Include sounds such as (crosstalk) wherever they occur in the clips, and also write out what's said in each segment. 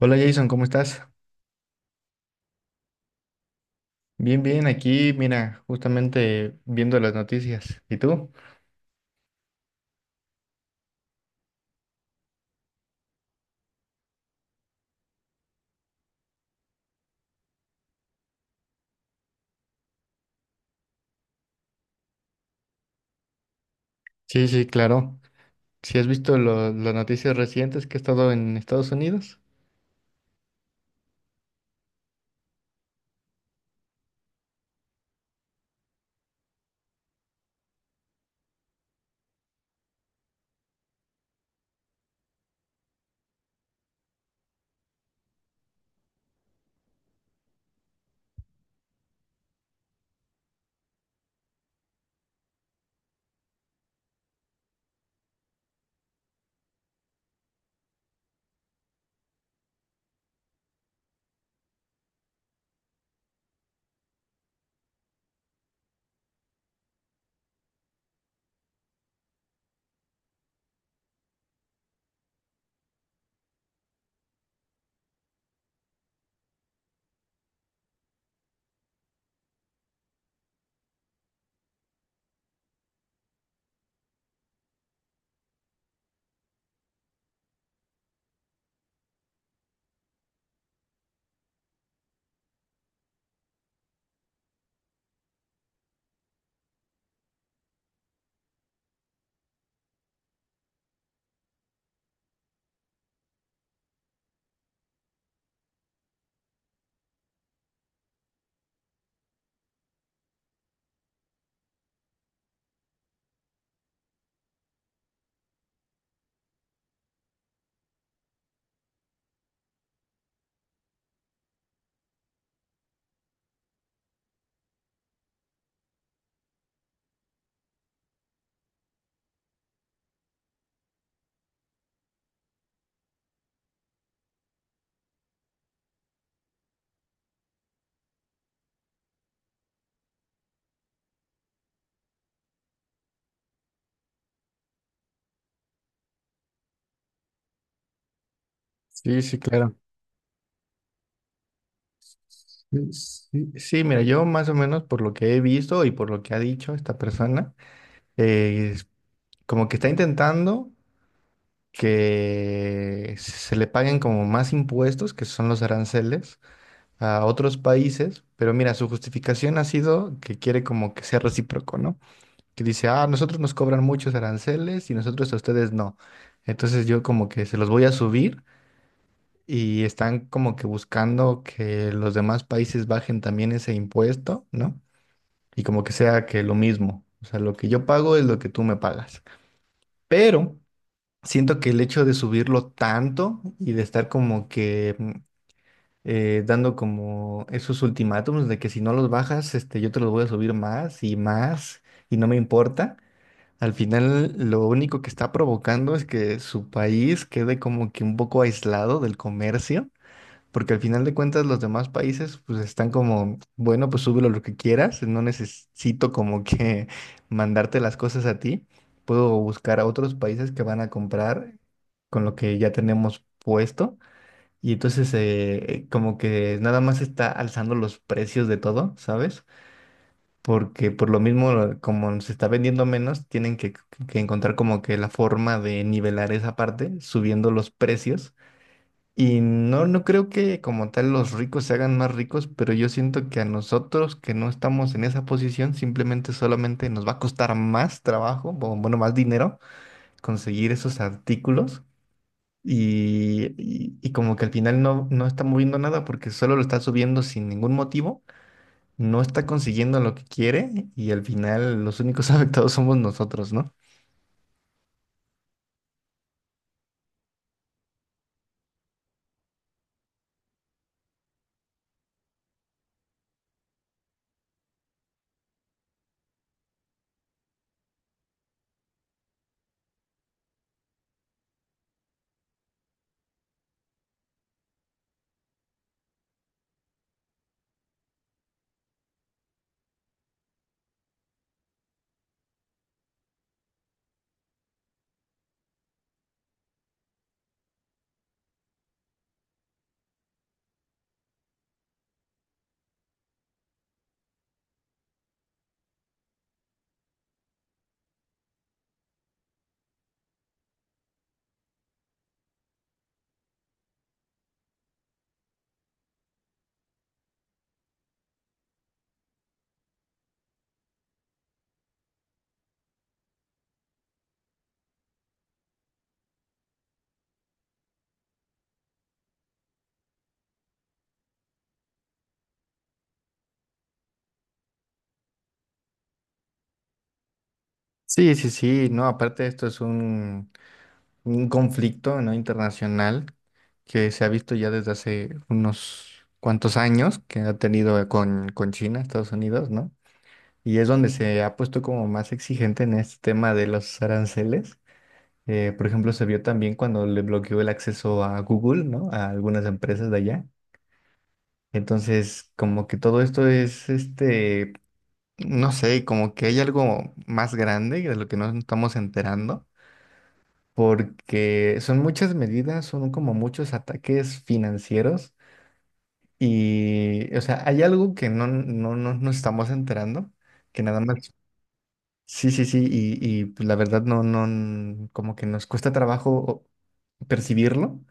Hola Jason, ¿cómo estás? Bien, bien, aquí, mira, justamente viendo las noticias. ¿Y tú? Sí, sí, claro. ¿Si has visto las noticias recientes que he estado en Estados Unidos? Sí, sí, claro. Sí, sí, sí, mira, yo más o menos por lo que he visto y por lo que ha dicho esta persona, es como que está intentando que se le paguen como más impuestos, que son los aranceles, a otros países. Pero mira, su justificación ha sido que quiere como que sea recíproco, ¿no? Que dice, ah, nosotros nos cobran muchos aranceles y nosotros a ustedes no. Entonces yo como que se los voy a subir y están como que buscando que los demás países bajen también ese impuesto, ¿no? Y como que sea que lo mismo, o sea, lo que yo pago es lo que tú me pagas. Pero siento que el hecho de subirlo tanto y de estar como que... mm, dando como esos ultimátums de que si no los bajas, este, yo te los voy a subir más y más y no me importa. Al final, lo único que está provocando es que su país quede como que un poco aislado del comercio, porque al final de cuentas los demás países pues están como, bueno, pues súbelo lo que quieras, no necesito como que (laughs) mandarte las cosas a ti, puedo buscar a otros países que van a comprar con lo que ya tenemos puesto. Y entonces como que nada más está alzando los precios de todo, ¿sabes? Porque por lo mismo, como se está vendiendo menos, tienen que encontrar como que la forma de nivelar esa parte, subiendo los precios. Y no, no creo que como tal los ricos se hagan más ricos, pero yo siento que a nosotros que no estamos en esa posición, simplemente solamente nos va a costar más trabajo, o bueno, más dinero conseguir esos artículos. Y como que al final no, no está moviendo nada porque solo lo está subiendo sin ningún motivo, no está consiguiendo lo que quiere, y al final los únicos (laughs) afectados somos nosotros, ¿no? Sí, sí, sí, no, aparte esto es un conflicto, ¿no?, internacional, que se ha visto ya desde hace unos cuantos años que ha tenido con China, Estados Unidos, ¿no? Y es donde se ha puesto como más exigente en este tema de los aranceles. Por ejemplo, se vio también cuando le bloqueó el acceso a Google, ¿no? A algunas empresas de allá. Entonces, como que todo esto es este. No sé, como que hay algo más grande de lo que nos estamos enterando, porque son muchas medidas, son como muchos ataques financieros y, o sea, hay algo que no nos estamos enterando, que nada más, sí, sí, sí, y pues, la verdad no, no, como que nos cuesta trabajo percibirlo,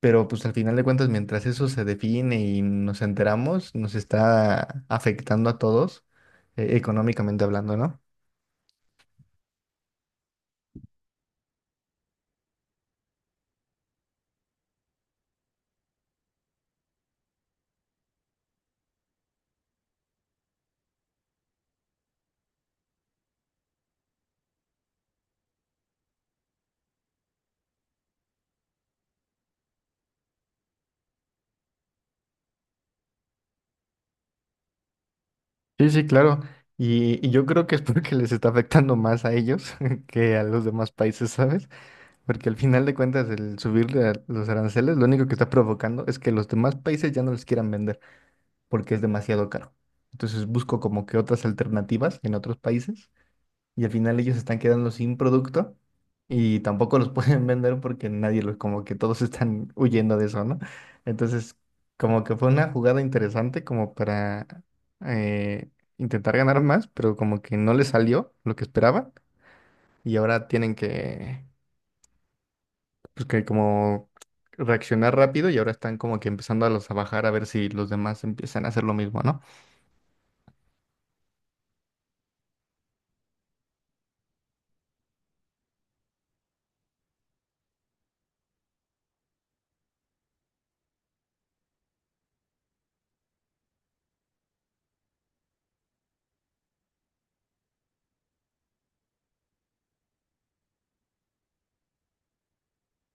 pero pues al final de cuentas, mientras eso se define y nos enteramos, nos está afectando a todos, económicamente hablando, ¿no? Sí, sí, claro. Y yo creo que es (laughs) porque les está afectando más a ellos (laughs) que a los demás países, ¿sabes? Porque al final de cuentas el subirle a los aranceles lo único que está provocando es que los demás países ya no les quieran vender porque es demasiado caro. Entonces busco como que otras alternativas en otros países y al final ellos están quedando sin producto y tampoco los (laughs) pueden vender porque nadie los, como que todos están huyendo de eso, ¿no? Entonces, como que fue una jugada interesante como para eh, intentar ganar más, pero como que no les salió lo que esperaban y ahora tienen que, pues que como reaccionar rápido, y ahora están como que empezando a los a bajar a ver si los demás empiezan a hacer lo mismo, ¿no?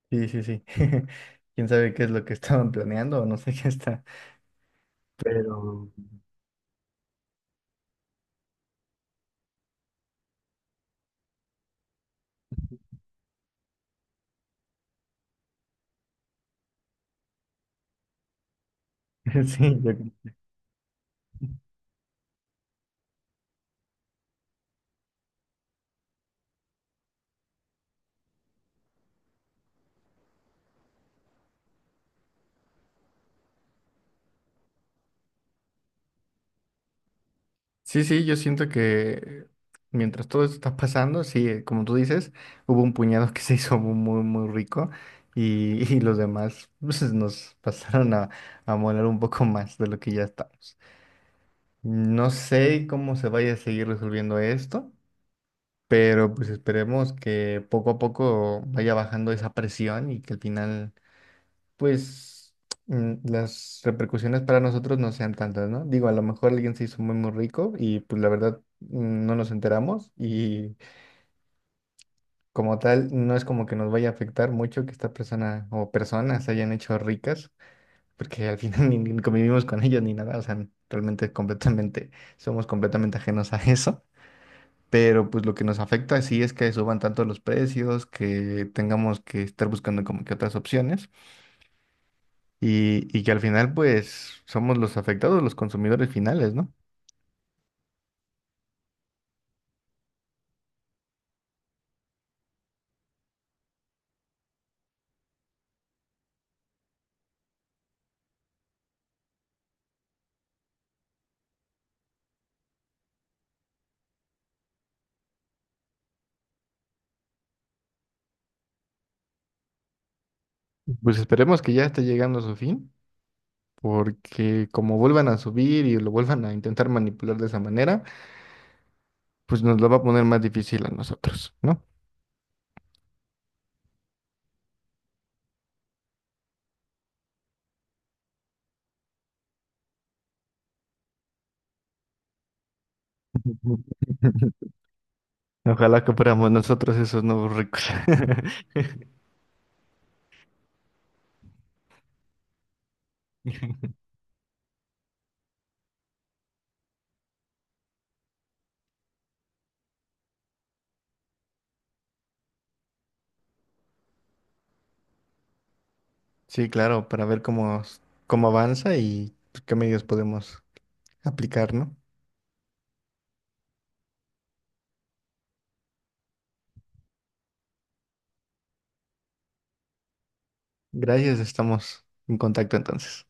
Sí, sí, sí. (laughs) Quién sabe qué es lo que estaban planeando o no sé qué está. Pero (laughs) sí, yo, sí, sí, yo siento que mientras todo esto está pasando, sí, como tú dices, hubo un puñado que se hizo muy, muy, muy rico y, (laughs) y los demás pues, nos pasaron a moler un poco más de lo que ya estamos. No sé cómo se vaya a seguir resolviendo esto, pero pues esperemos que poco a poco vaya bajando esa presión y que al final pues las repercusiones para nosotros no sean tantas, ¿no? Digo, a lo mejor alguien se hizo muy, muy rico y pues la verdad no nos enteramos y como tal no es como que nos vaya a afectar mucho que esta persona o personas se hayan hecho ricas, porque al final (laughs) ni convivimos con ellos ni nada, o sea, realmente es completamente, somos completamente ajenos a eso. Pero pues lo que nos afecta sí es que suban tanto los precios, que tengamos que estar buscando como que otras opciones. Y, y que al final pues somos los afectados, los consumidores finales, ¿no? Pues esperemos que ya esté llegando a su fin, porque como vuelvan a subir y lo vuelvan a intentar manipular de esa manera, pues nos lo va a poner más difícil a nosotros, ¿no? (laughs) Ojalá que fuéramos nosotros esos nuevos ricos. (laughs) Sí, claro, para ver cómo, cómo avanza y pues, qué medios podemos aplicar, ¿no? Gracias, estamos en contacto entonces.